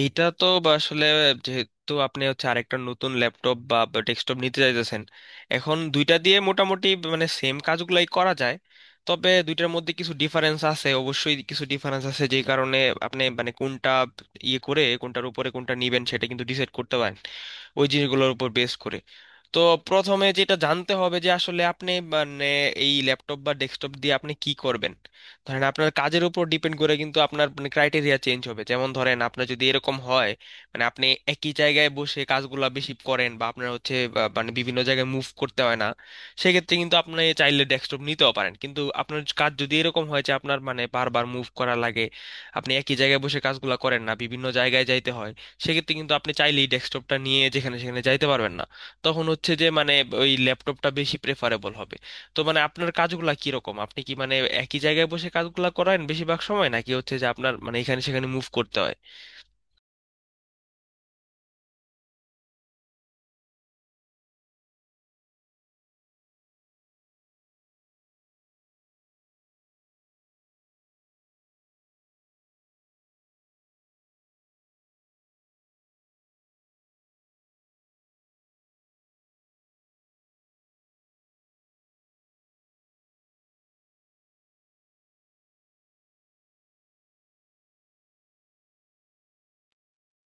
এইটা তো আসলে যেহেতু আপনি হচ্ছে আরেকটা নতুন ল্যাপটপ বা ডেস্কটপ নিতে চাইতেছেন এখন দুইটা দিয়ে মোটামুটি মানে সেম কাজগুলাই করা যায়। তবে দুইটার মধ্যে কিছু ডিফারেন্স আছে, অবশ্যই কিছু ডিফারেন্স আছে যেই কারণে আপনি মানে কোনটা ইয়ে করে কোনটার উপরে কোনটা নিবেন সেটা কিন্তু ডিসাইড করতে পারেন ওই জিনিসগুলোর উপর বেস করে। তো প্রথমে যেটা জানতে হবে যে আসলে আপনি মানে এই ল্যাপটপ বা ডেস্কটপ দিয়ে আপনি কি করবেন। ধরেন আপনার কাজের উপর ডিপেন্ড করে কিন্তু আপনার মানে ক্রাইটেরিয়া চেঞ্জ হবে, যেমন ধরেন আপনার যদি এরকম হয় মানে আপনি একই জায়গায় বসে কাজগুলা বেশি করেন বা আপনার হচ্ছে মানে বিভিন্ন জায়গায় মুভ করতে হয় না, সেক্ষেত্রে কিন্তু আপনি চাইলে ডেস্কটপ নিতেও পারেন। কিন্তু আপনার কাজ যদি এরকম হয় যে আপনার মানে বারবার মুভ করা লাগে, আপনি একই জায়গায় বসে কাজগুলা করেন না, বিভিন্ন জায়গায় যাইতে হয়, সেক্ষেত্রে কিন্তু আপনি চাইলেই ডেস্কটপটা নিয়ে যেখানে সেখানে যাইতে পারবেন না। তখন হচ্ছে যে মানে ওই ল্যাপটপটা বেশি প্রেফারেবল হবে। তো মানে আপনার কাজগুলা কিরকম, আপনি কি মানে একই জায়গায় বসে কাজগুলা করেন বেশিরভাগ সময় নাকি হচ্ছে যে আপনার মানে এখানে সেখানে মুভ করতে হয়?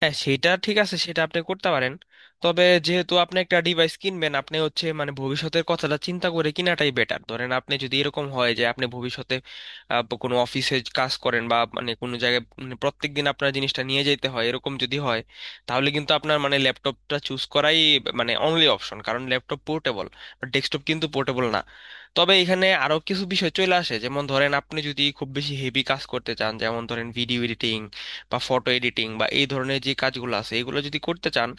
হ্যাঁ সেটা ঠিক আছে, সেটা আপনি করতে পারেন। তবে যেহেতু আপনি একটা ডিভাইস কিনবেন আপনি হচ্ছে মানে ভবিষ্যতের কথাটা চিন্তা করে কিনাটাই বেটার। ধরেন আপনি যদি এরকম হয় যে আপনি ভবিষ্যতে কোনো অফিসে কাজ করেন বা মানে কোনো জায়গায় মানে প্রত্যেক দিন আপনার জিনিসটা নিয়ে যেতে হয়, এরকম যদি হয় তাহলে কিন্তু আপনার মানে ল্যাপটপটা চুজ করাই মানে অনলি অপশন, কারণ ল্যাপটপ পোর্টেবল, ডেস্কটপ কিন্তু পোর্টেবল না। তবে এখানে আরো কিছু বিষয় চলে আসে, যেমন ধরেন আপনি যদি খুব বেশি হেভি কাজ করতে চান, যেমন ধরেন ভিডিও এডিটিং বা ফটো এডিটিং বা এই ধরনের যে কাজগুলো আছে এগুলো যদি করতে চান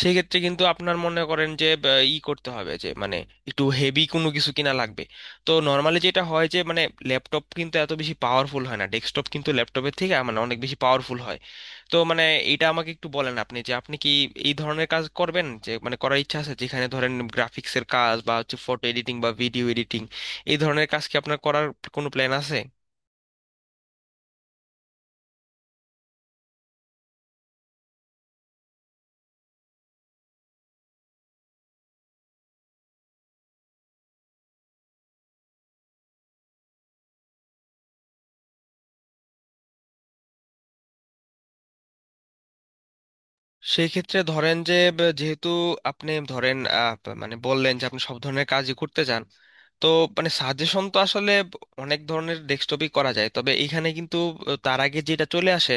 সেই ক্ষেত্রে কিন্তু আপনার মনে করেন যে ই করতে হবে যে মানে একটু হেভি কোনো কিছু কিনা লাগবে। তো নর্মালি যেটা হয় যে মানে ল্যাপটপ কিন্তু এত বেশি পাওয়ারফুল হয় না, ডেস্কটপ কিন্তু ল্যাপটপের থেকে মানে অনেক বেশি পাওয়ারফুল হয়। তো মানে এটা আমাকে একটু বলেন আপনি, যে আপনি কি এই ধরনের কাজ করবেন, যে মানে করার ইচ্ছা আছে, যেখানে ধরেন গ্রাফিক্সের কাজ বা হচ্ছে ফটো এডিটিং বা ভিডিও এডিটিং এই ধরনের কাজ কি আপনার করার কোনো প্ল্যান আছে? সেই ক্ষেত্রে ধরেন যে যেহেতু আপনি ধরেন মানে বললেন যে আপনি সব ধরনের কাজই করতে চান। তো মানে সাজেশন তো আসলে অনেক ধরনের ডেস্কটপই করা যায়, তবে এইখানে কিন্তু তার আগে যেটা চলে আসে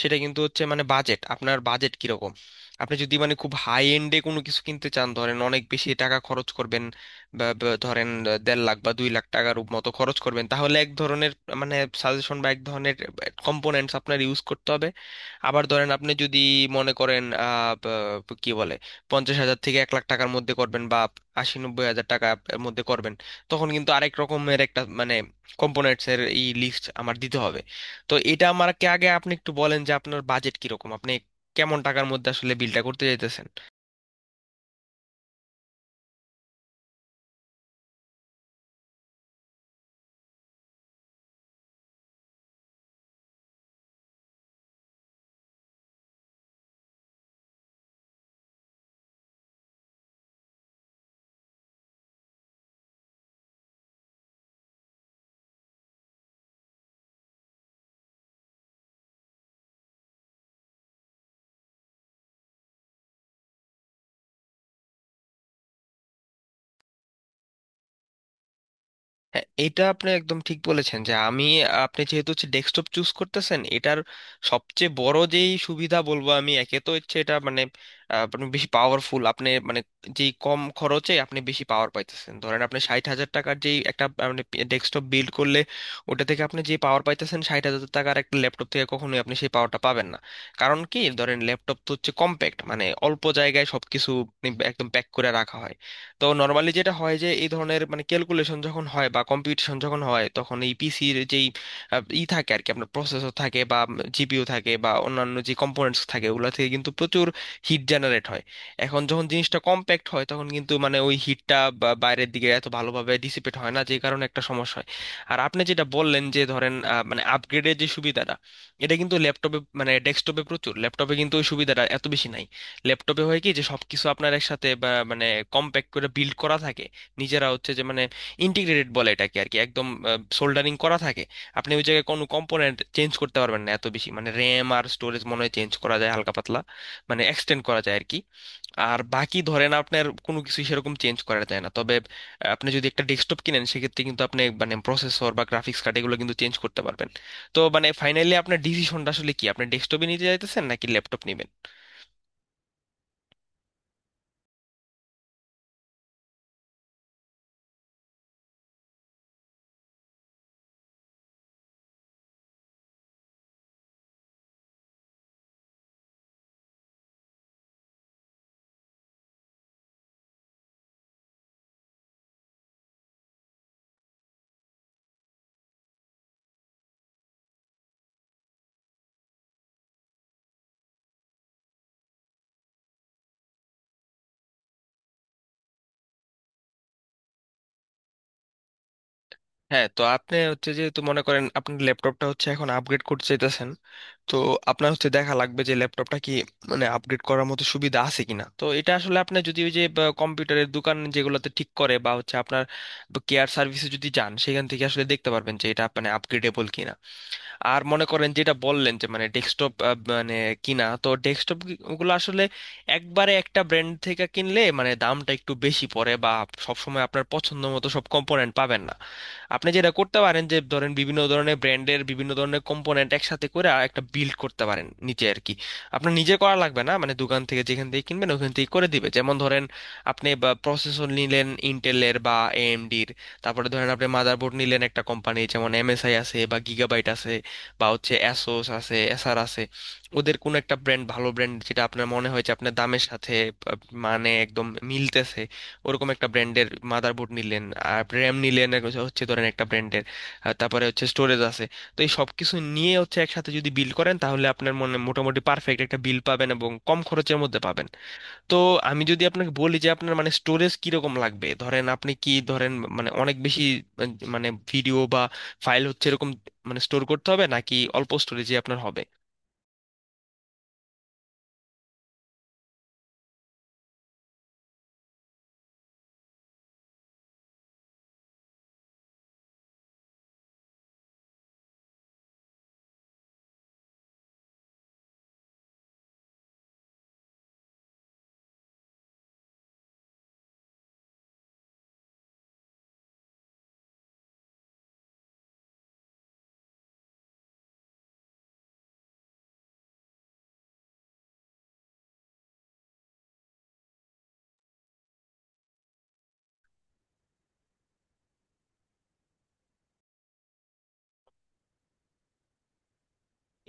সেটা কিন্তু হচ্ছে মানে বাজেট, আপনার বাজেট কিরকম। আপনি যদি মানে খুব হাই এন্ডে কোনো কিছু কিনতে চান, ধরেন অনেক বেশি টাকা খরচ করবেন বা বা ধরেন 1.5 লাখ বা 2 লাখ টাকার মতো খরচ করবেন, তাহলে এক ধরনের মানে সাজেশন বা এক ধরনের কম্পোনেন্টস আপনার ইউজ করতে হবে। আবার ধরেন আপনি যদি মনে করেন কি বলে 50 হাজার থেকে 1 লাখ টাকার মধ্যে করবেন বা 80-90 হাজার টাকার মধ্যে করবেন, তখন কিন্তু আরেক রকমের একটা মানে কম্পোনেন্টস এর এই লিস্ট আমার দিতে হবে। তো এটা আমাকে আগে আপনি একটু বলেন যে আপনার বাজেট কিরকম, আপনি কেমন টাকার মধ্যে আসলে বিলটা করতে চাইতেছেন। হ্যাঁ, এটা আপনি একদম ঠিক বলেছেন যে আমি আপনি যেহেতু হচ্ছে ডেস্কটপ চুজ করতেছেন, এটার সবচেয়ে বড় যেই সুবিধা বলবো আমি, একে তো হচ্ছে এটা মানে আপনি বেশি পাওয়ারফুল, আপনি মানে যেই কম খরচে আপনি বেশি পাওয়ার পাইতেছেন। ধরেন আপনি 60 হাজার টাকার যেই একটা মানে ডেস্কটপ বিল্ড করলে ওটা থেকে আপনি যে পাওয়ার পাইতেছেন, 60 হাজার টাকার একটা ল্যাপটপ থেকে কখনোই আপনি সেই পাওয়ারটা পাবেন না। কারণ কি, ধরেন ল্যাপটপ তো হচ্ছে কম্প্যাক্ট, মানে অল্প জায়গায় সবকিছু একদম প্যাক করে রাখা হয়। তো নর্মালি যেটা হয় যে এই ধরনের মানে ক্যালকুলেশন যখন হয় বা কম্পিটিশন যখন হয় তখন এই পিসির যেই ই থাকে আর কি, আপনার প্রসেসর থাকে বা জিপিইউ থাকে বা অন্যান্য যে কম্পোনেন্টস থাকে, ওগুলো থেকে কিন্তু প্রচুর হিট জেনারেট হয়। এখন যখন জিনিসটা কম্প্যাক্ট হয় তখন কিন্তু মানে ওই হিটটা বাইরের দিকে এত ভালোভাবে ডিসিপেট হয় না, যে কারণে একটা সমস্যা হয়। আর আপনি যেটা বললেন যে ধরেন মানে আপগ্রেডের যে সুবিধাটা, এটা কিন্তু ল্যাপটপে মানে ডেস্কটপে প্রচুর, ল্যাপটপে কিন্তু ওই সুবিধাটা এত বেশি নাই। ল্যাপটপে হয় কি যে সবকিছু আপনার একসাথে বা মানে কম্প্যাক্ট করে বিল্ড করা থাকে, নিজেরা হচ্ছে যে মানে ইন্টিগ্রেটেড বলে এটাকে আর কি, একদম সোল্ডারিং করা থাকে। আপনি ওই জায়গায় কোনো কম্পোনেন্ট চেঞ্জ করতে পারবেন না এত বেশি, মানে র্যাম আর স্টোরেজ মনে হয় চেঞ্জ করা যায় হালকা পাতলা মানে এক্সটেন্ড করা যায় আর কি, আর বাকি ধরেন আপনার কোনো কিছু সেরকম চেঞ্জ করা যায় না। তবে আপনি যদি একটা ডেস্কটপ কিনেন সেক্ষেত্রে কিন্তু আপনি মানে প্রসেসর বা গ্রাফিক্স কার্ড এগুলো কিন্তু চেঞ্জ করতে পারবেন। তো মানে ফাইনালি আপনার ডিসিশনটা আসলে কি, আপনি ডেস্কটপে নিতে চাইতেছেন নাকি ল্যাপটপ নেবেন? হ্যাঁ, তো আপনি হচ্ছে যেহেতু মনে করেন আপনার ল্যাপটপটা হচ্ছে এখন আপগ্রেড করতে চাইতেছেন, তো আপনার হচ্ছে দেখা লাগবে যে ল্যাপটপটা কি মানে আপগ্রেড করার মতো সুবিধা আছে কিনা। তো এটা আসলে আপনি যদি ওই যে কম্পিউটারের দোকান যেগুলোতে ঠিক করে বা হচ্ছে আপনার কেয়ার সার্ভিসে যদি যান সেখান থেকে আসলে দেখতে পারবেন যে এটা মানে আপগ্রেডেবল কিনা। আর মনে করেন যেটা বললেন যে মানে ডেস্কটপ মানে কিনা, তো ডেস্কটপ গুলো আসলে একবারে একটা ব্র্যান্ড থেকে কিনলে মানে দামটা একটু বেশি পড়ে বা সবসময় আপনার পছন্দ মতো সব কম্পোনেন্ট পাবেন না। আপনি যেটা করতে পারেন যে ধরেন বিভিন্ন ধরনের ব্র্যান্ডের বিভিন্ন ধরনের কম্পোনেন্ট একসাথে করে আর একটা বিল্ড করতে পারেন নিচে আর কি। আপনার নিজে করা লাগবে না, মানে দোকান থেকে যেখান থেকে কিনবেন ওখান থেকে করে দিবে। যেমন ধরেন আপনি প্রসেসর নিলেন ইন্টেলের বা এএমডির, তারপরে ধরেন আপনি মাদারবোর্ড নিলেন একটা কোম্পানি, যেমন এমএসআই আছে বা গিগাবাইট আছে বা হচ্ছে অ্যাসোস আছে, এসার আছে, ওদের কোনো একটা ব্র্যান্ড, ভালো ব্র্যান্ড যেটা আপনার মনে হয় যে আপনার দামের সাথে আহ, মানে একদম মিলতেছে, ওরকম একটা ব্র্যান্ডের মাদারবোর্ড নিলেন, আর র্যাম নিলেন আর হচ্ছে হচ্ছে ধরেন একটা ব্র্যান্ডের, তারপরে হচ্ছে স্টোরেজ আছে। তো এই সব কিছু নিয়ে হচ্ছে একসাথে যদি বিল করেন তাহলে আপনার মনে মোটামুটি পারফেক্ট একটা বিল পাবেন এবং কম খরচের মধ্যে পাবেন। তো আমি যদি আপনাকে বলি যে আপনার মানে স্টোরেজ কিরকম লাগবে, ধরেন আপনি কি ধরেন মানে অনেক বেশি আহ, মানে ভিডিও বা ফাইল হচ্ছে এরকম মানে স্টোর করতে হবে নাকি অল্প স্টোরেজে আপনার হবে?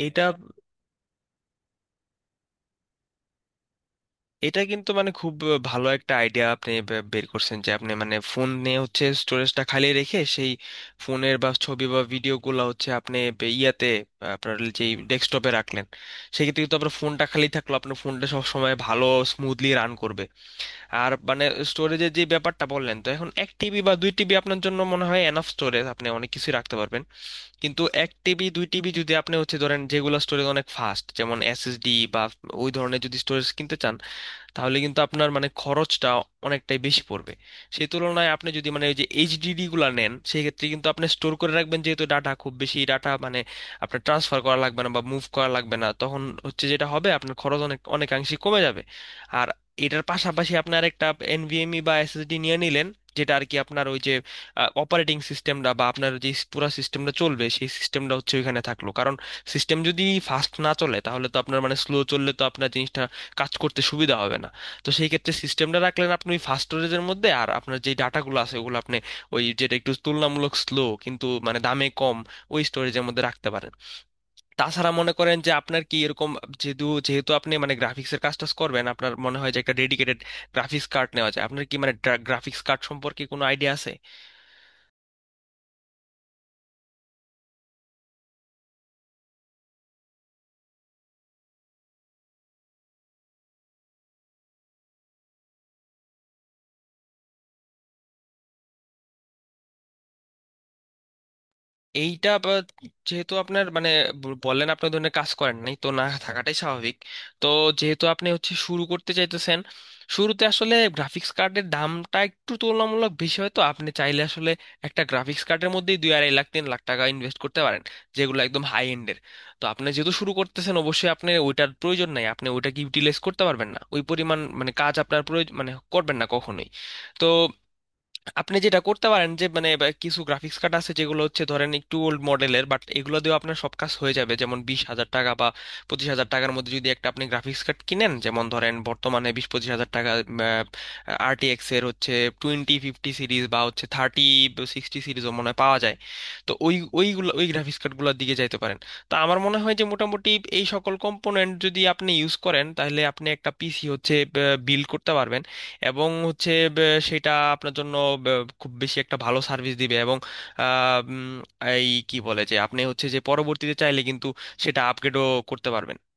এটা এটা কিন্তু মানে খুব ভালো একটা আইডিয়া আপনি বের করছেন, যে আপনি মানে ফোন নিয়ে হচ্ছে স্টোরেজটা খালি রেখে সেই ফোনের বা ছবি বা ভিডিওগুলো হচ্ছে আপনি ইয়াতে আপনার যেই ডেস্কটপে রাখলেন, সেক্ষেত্রে কিন্তু আপনার ফোনটা খালি থাকলো, আপনার ফোনটা সব সময় ভালো স্মুথলি রান করবে। আর মানে স্টোরেজের যে ব্যাপারটা বললেন, তো এখন 1 টিবি বা 2 টিবি আপনার জন্য মনে হয় এনাফ স্টোরেজ, আপনি অনেক কিছুই রাখতে পারবেন। কিন্তু 1 টিবি 2 টিবি যদি আপনি হচ্ছে ধরেন যেগুলো স্টোরেজ অনেক ফাস্ট যেমন এসএসডি বা ওই ধরনের যদি স্টোরেজ কিনতে চান, তাহলে কিন্তু আপনার মানে খরচটা অনেকটাই বেশি পড়বে। সেই তুলনায় আপনি যদি মানে ওই যে এইচডিডি গুলা নেন সেই ক্ষেত্রে কিন্তু আপনি স্টোর করে রাখবেন, যেহেতু ডাটা খুব বেশি ডাটা মানে আপনার ট্রান্সফার করা লাগবে না বা মুভ করা লাগবে না, তখন হচ্ছে যেটা হবে আপনার খরচ অনেক অনেকাংশে কমে যাবে। আর এটার পাশাপাশি আপনার একটা এনভিএমই বা এসএসডি নিয়ে নিলেন যেটা আর কি আপনার ওই যে অপারেটিং সিস্টেমটা বা আপনার যে পুরো সিস্টেমটা চলবে, সেই সিস্টেমটা হচ্ছে ওইখানে থাকলো, কারণ সিস্টেম যদি ফাস্ট না চলে তাহলে তো আপনার মানে স্লো চললে তো আপনার জিনিসটা কাজ করতে সুবিধা হবে না। তো সেই ক্ষেত্রে সিস্টেমটা রাখলেন আপনি ওই ফাস্ট স্টোরেজের মধ্যে, আর আপনার যে ডাটাগুলো আছে ওগুলো আপনি ওই যেটা একটু তুলনামূলক স্লো কিন্তু মানে দামে কম, ওই স্টোরেজের মধ্যে রাখতে পারেন। তাছাড়া মনে করেন যে আপনার কি এরকম, যেহেতু যেহেতু আপনি মানে গ্রাফিক্সের কাজ টাজ করবেন, আপনার মনে হয় যে একটা ডেডিকেটেড গ্রাফিক্স কার্ড নেওয়া যায়। আপনার কি মানে গ্রাফিক্স কার্ড সম্পর্কে কোনো আইডিয়া আছে? এইটা আবার যেহেতু আপনার মানে বললেন আপনি ওই ধরনের কাজ করেন নাই, তো না থাকাটাই স্বাভাবিক। তো যেহেতু আপনি হচ্ছে শুরু করতে চাইতেছেন, শুরুতে আসলে গ্রাফিক্স কার্ডের দামটা একটু তুলনামূলক বেশি হয়। তো আপনি চাইলে আসলে একটা গ্রাফিক্স কার্ডের মধ্যেই 2-2.5 লাখ 3 লাখ টাকা ইনভেস্ট করতে পারেন, যেগুলো একদম হাই এন্ডের। তো আপনি যেহেতু শুরু করতেছেন অবশ্যই আপনি ওইটার প্রয়োজন নাই, আপনি ওইটাকে ইউটিলাইজ করতে পারবেন না, ওই পরিমাণ মানে কাজ আপনার প্রয়োজন মানে করবেন না কখনোই। তো আপনি যেটা করতে পারেন যে মানে বা কিছু গ্রাফিক্স কার্ড আছে যেগুলো হচ্ছে ধরেন একটু ওল্ড মডেলের, বাট এগুলো দিয়েও আপনার সব কাজ হয়ে যাবে। যেমন 20 হাজার টাকা বা 25 হাজার টাকার মধ্যে যদি একটা আপনি গ্রাফিক্স কার্ড কিনেন, যেমন ধরেন বর্তমানে 20-25 হাজার টাকা RTX এর হচ্ছে 2050 সিরিজ বা হচ্ছে 3060 সিরিজও মনে হয় পাওয়া যায়। তো ওইগুলো ওই গ্রাফিক্স কার্ডগুলোর দিকে যাইতে পারেন। তো আমার মনে হয় যে মোটামুটি এই সকল কম্পোনেন্ট যদি আপনি ইউজ করেন তাহলে আপনি একটা পিসি হচ্ছে বিল্ড করতে পারবেন। এবং হচ্ছে বে- সেটা আপনার জন্য খুব বেশি একটা ভালো সার্ভিস দিবে, এবং আহ, উম, এই কি বলে যে আপনি হচ্ছে যে পরবর্তীতে চাইলে কিন্তু সেটা আপগ্রেডও করতে পারবেন।